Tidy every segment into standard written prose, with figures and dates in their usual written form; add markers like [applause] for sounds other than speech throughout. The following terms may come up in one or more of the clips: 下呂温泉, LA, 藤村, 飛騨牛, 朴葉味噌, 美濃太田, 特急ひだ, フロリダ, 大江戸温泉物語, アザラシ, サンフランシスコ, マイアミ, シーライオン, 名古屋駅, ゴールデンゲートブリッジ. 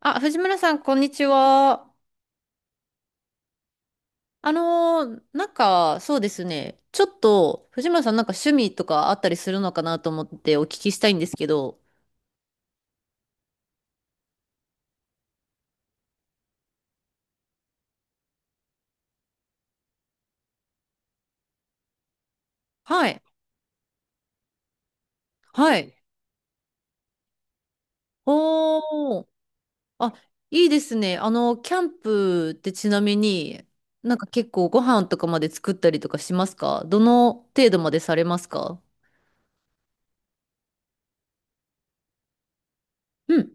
あ、藤村さん、こんにちは。なんか、そうですね。ちょっと、藤村さん、なんか趣味とかあったりするのかなと思ってお聞きしたいんですけど。はい。はい。おー。あ、いいですね。キャンプってちなみに、なんか結構ご飯とかまで作ったりとかしますか？どの程度までされますか？うん。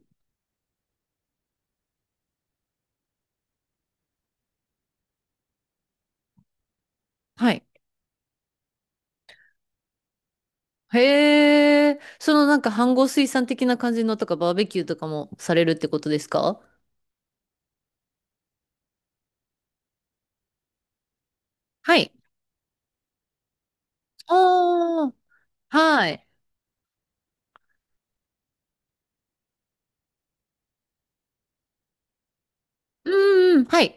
はい。へー。そのなんか、飯盒炊さん的な感じのとか、バーベキューとかもされるってことですか？はい。ああ、はい。うんうん、はい。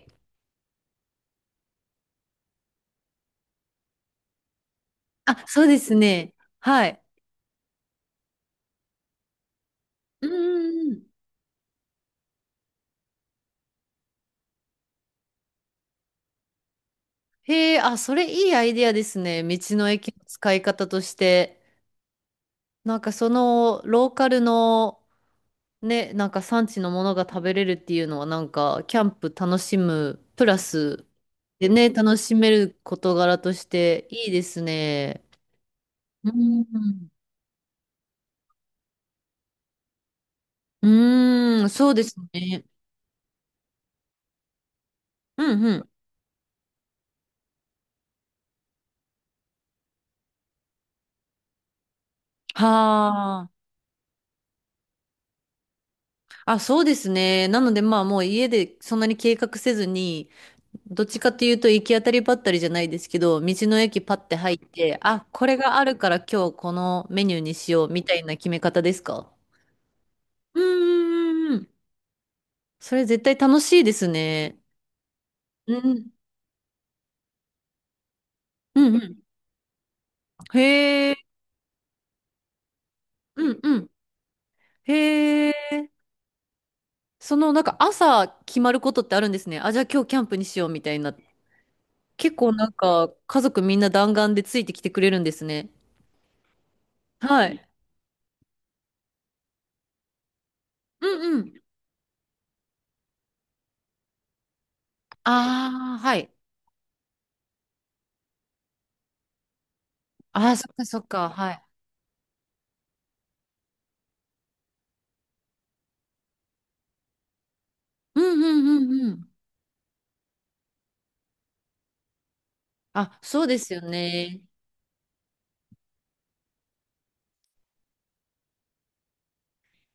あ、そうですね。はい。うんうんうん。へえ、あ、それいいアイディアですね。道の駅の使い方として。なんかそのローカルのね、なんか産地のものが食べれるっていうのはなんかキャンプ楽しむプラスでね、楽しめる事柄としていいですね。うんうーん、そうですね。うんうん。はあ。あ、そうですね。なのでまあもう家でそんなに計画せずに、どっちかというと行き当たりばったりじゃないですけど、道の駅パッて入って、あ、これがあるから今日このメニューにしようみたいな決め方ですか？うんうんうんうん。それ絶対楽しいですね。うん。うんうん。へえ。うんうん。へえ。そのなんか朝決まることってあるんですね。あ、じゃあ今日キャンプにしようみたいな。結構なんか家族みんな弾丸でついてきてくれるんですね。はい。うんうん。ああ、はい。ああ、そっかそっか、はい。うんうんうんうん。あ、そうですよね。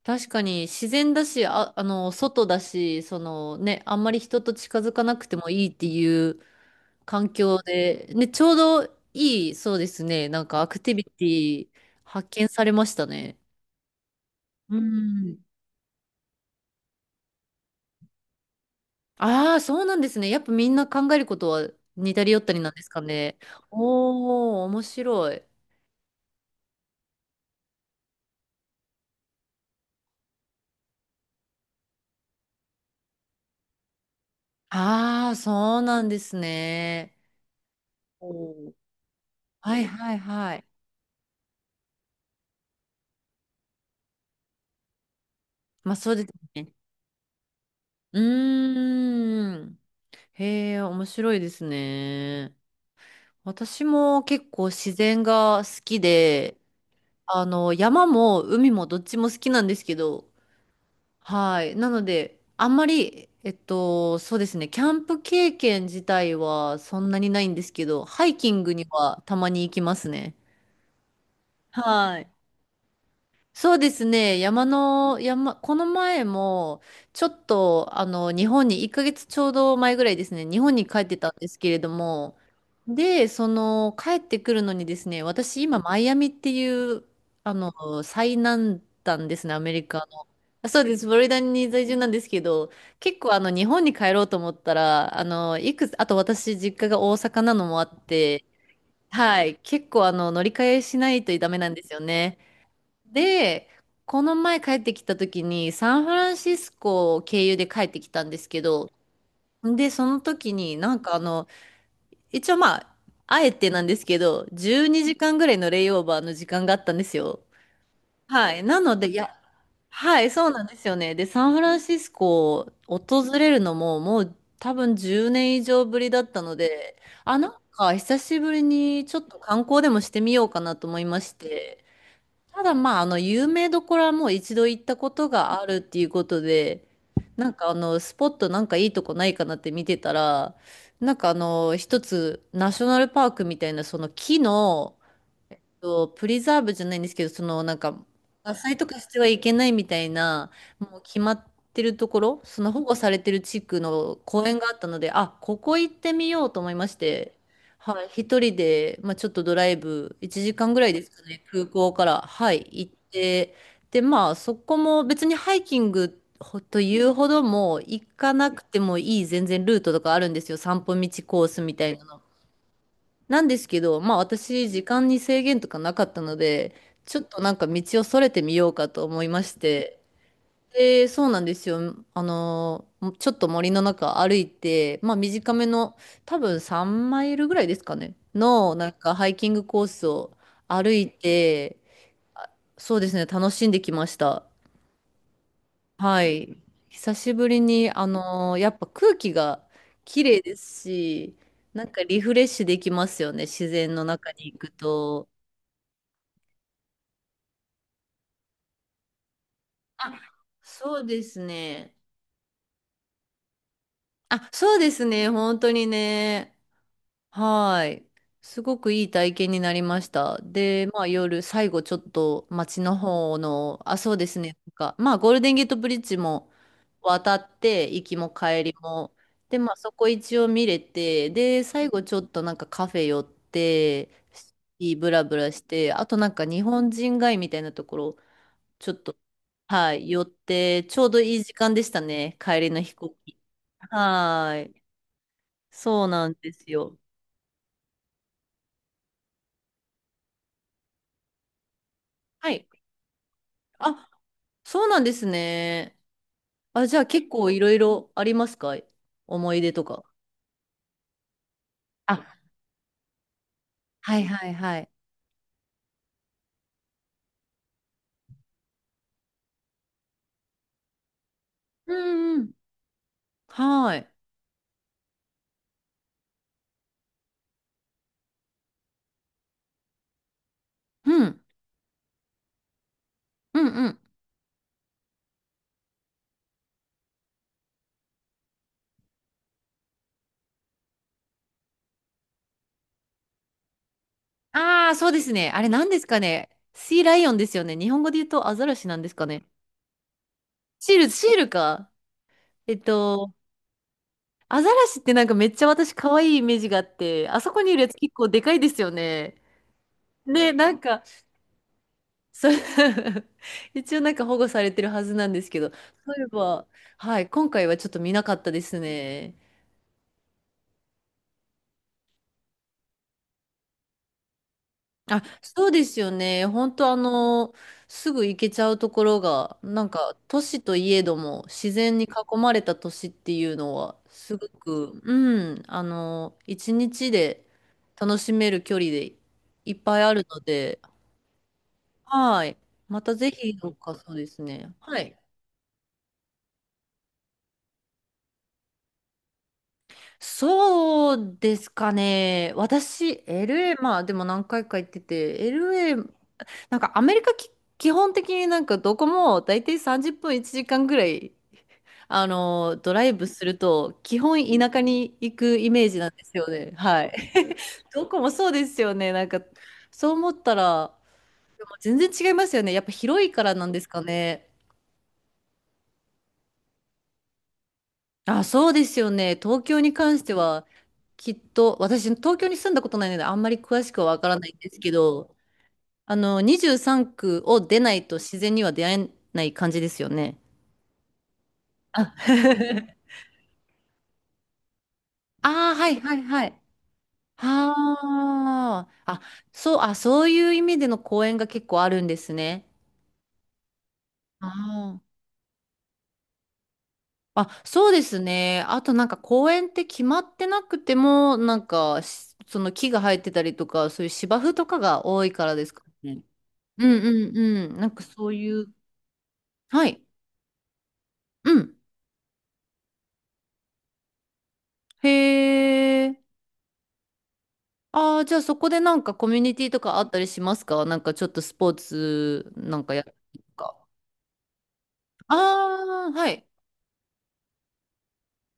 確かに自然だし、あ、外だし、そのね、あんまり人と近づかなくてもいいっていう環境で、ね、ちょうどいい、そうですね。なんかアクティビティ発見されましたね。うん。ああ、そうなんですね。やっぱみんな考えることは似たり寄ったりなんですかね。おー、面白い。ああ、そうなんですね。おーはいはいはい。まあそうですね。うーん。へえ、面白いですね。私も結構自然が好きで、山も海もどっちも好きなんですけど、はい。なので、あんまり、そうですね、キャンプ経験自体はそんなにないんですけど、ハイキングにはたまに行きますね。はい。そうですね。山、この前も、ちょっと、日本に、1ヶ月ちょうど前ぐらいですね、日本に帰ってたんですけれども、で、帰ってくるのにですね、私、今、マイアミっていう、最南端ですね、アメリカの。あそうです、フロリダに在住なんですけど、結構、日本に帰ろうと思ったら、あの、いくつ、あと私、実家が大阪なのもあって、はい、結構、乗り換えしないとダメなんですよね。で、この前帰ってきた時にサンフランシスコを経由で帰ってきたんですけど、で、その時になんか一応まあ、あえてなんですけど、12時間ぐらいのレイオーバーの時間があったんですよ。はい。なので、いや、はい、そうなんですよね。で、サンフランシスコを訪れるのももう多分10年以上ぶりだったので、あ、なんか久しぶりにちょっと観光でもしてみようかなと思いまして、ただまあ、有名どころはもう一度行ったことがあるっていうことで、なんかスポットなんかいいとこないかなって見てたら、なんか一つ、ナショナルパークみたいな、その木の、と、プリザーブじゃないんですけど、そのなんか、伐採とかしてはいけないみたいな、もう決まってるところ、その保護されてる地区の公園があったので、あ、ここ行ってみようと思いまして、はい、一人で、まあ、ちょっとドライブ、1時間ぐらいですかね、空港から、はい、行って、で、まあ、そこも別にハイキングというほども行かなくてもいい全然ルートとかあるんですよ、散歩道コースみたいな。なんですけど、まあ私、時間に制限とかなかったので、ちょっとなんか道をそれてみようかと思いまして、で、そうなんですよ。ちょっと森の中歩いて、まあ短めの、多分3マイルぐらいですかね、の、なんかハイキングコースを歩いて、あそうですね、楽しんできました。はい。久しぶりに、やっぱ空気が綺麗ですし、なんかリフレッシュできますよね、自然の中に行くと。あ、そうですね。あ、そうですね、本当にね。はい。すごくいい体験になりました。で、まあ夜、最後ちょっと街の方の、あ、そうですね。なんか、まあゴールデンゲートブリッジも渡って、行きも帰りも。で、まあそこ一応見れて、で、最後ちょっとなんかカフェ寄って、シティブラブラして、あとなんか日本人街みたいなところ、ちょっと、はい、寄って、ちょうどいい時間でしたね。帰りの飛行機。はい。そうなんですよ。はい。あ、そうなんですね。あ、じゃあ結構いろいろありますか？思い出とか。あ、はいはいはい。うんうん。はい。うん。うんうん。ああ、そうですね。あれ何ですかね。シーライオンですよね。日本語で言うとアザラシなんですかね。シール、シールか。えっと、アザラシってなんかめっちゃ私可愛いイメージがあって、あそこにいるやつ結構でかいですよね。ね、なんか、そう [laughs] 一応なんか保護されてるはずなんですけど、そういえば、はい、今回はちょっと見なかったですね。あ、そうですよね。本当すぐ行けちゃうところが、なんか都市といえども自然に囲まれた都市っていうのは、すごく、一日で楽しめる距離でいっぱいあるので、はい。またぜひ、どっかそうですね。はい。そうですかね。私、LA、まあでも何回か行ってて、LA、なんかアメリカき基本的になんかどこも大体30分1時間ぐらい、ドライブすると、基本田舎に行くイメージなんですよね。はい。[laughs] どこもそうですよね。なんか、そう思ったら、でも全然違いますよね。やっぱ広いからなんですかね。あ、そうですよね。東京に関しては、きっと、私、東京に住んだことないので、あんまり詳しくはわからないんですけど、23区を出ないと自然には出会えない感じですよね。あ、[laughs] あー、はいはいはい。はあ。あ、そう、あ、そういう意味での公園が結構あるんですね。ああ。あ、そうですね。あとなんか公園って決まってなくても、なんかし、その木が生えてたりとか、そういう芝生とかが多いからですかね。うんうんうん。なんかそういう。はい。うん。へえ。ああ、じゃあそこでなんかコミュニティとかあったりしますか？なんかちょっとスポーツなんかやるとか。ああ、はい。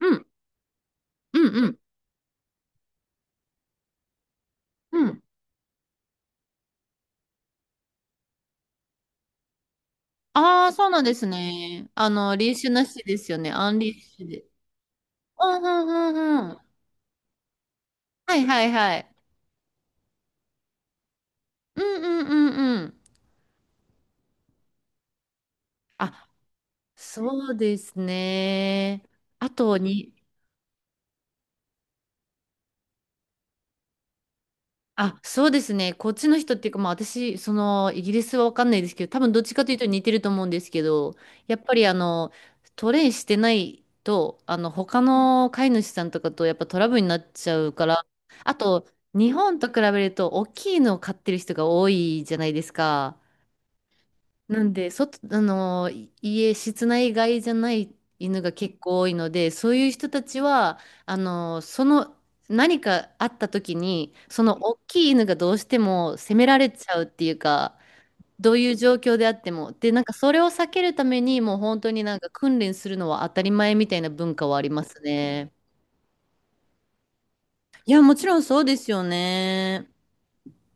うん。うんうん。うん。ああ、そうなんですね。リーシュなしですよね。アンリーシュで。うんうんうんうん。はいはいはい。うんうんうんうん。あ、そうですね。あとに、あ、そうですね。こっちの人っていうか、まあ私、イギリスはわかんないですけど、多分どっちかというと似てると思うんですけど、やっぱりトレイしてないと、他の飼い主さんとかとやっぱトラブルになっちゃうから、あと、日本と比べると大きいのを飼ってる人が多いじゃないですか。なんで、外、あの、い家、室内外じゃない犬が結構多いので、そういう人たちは、あの、その、何かあった時に、その大きい犬がどうしても責められちゃうっていうか、どういう状況であっても。で、なんかそれを避けるために、もう本当になんか訓練するのは当たり前みたいな文化はありますね。いや、もちろんそうですよね。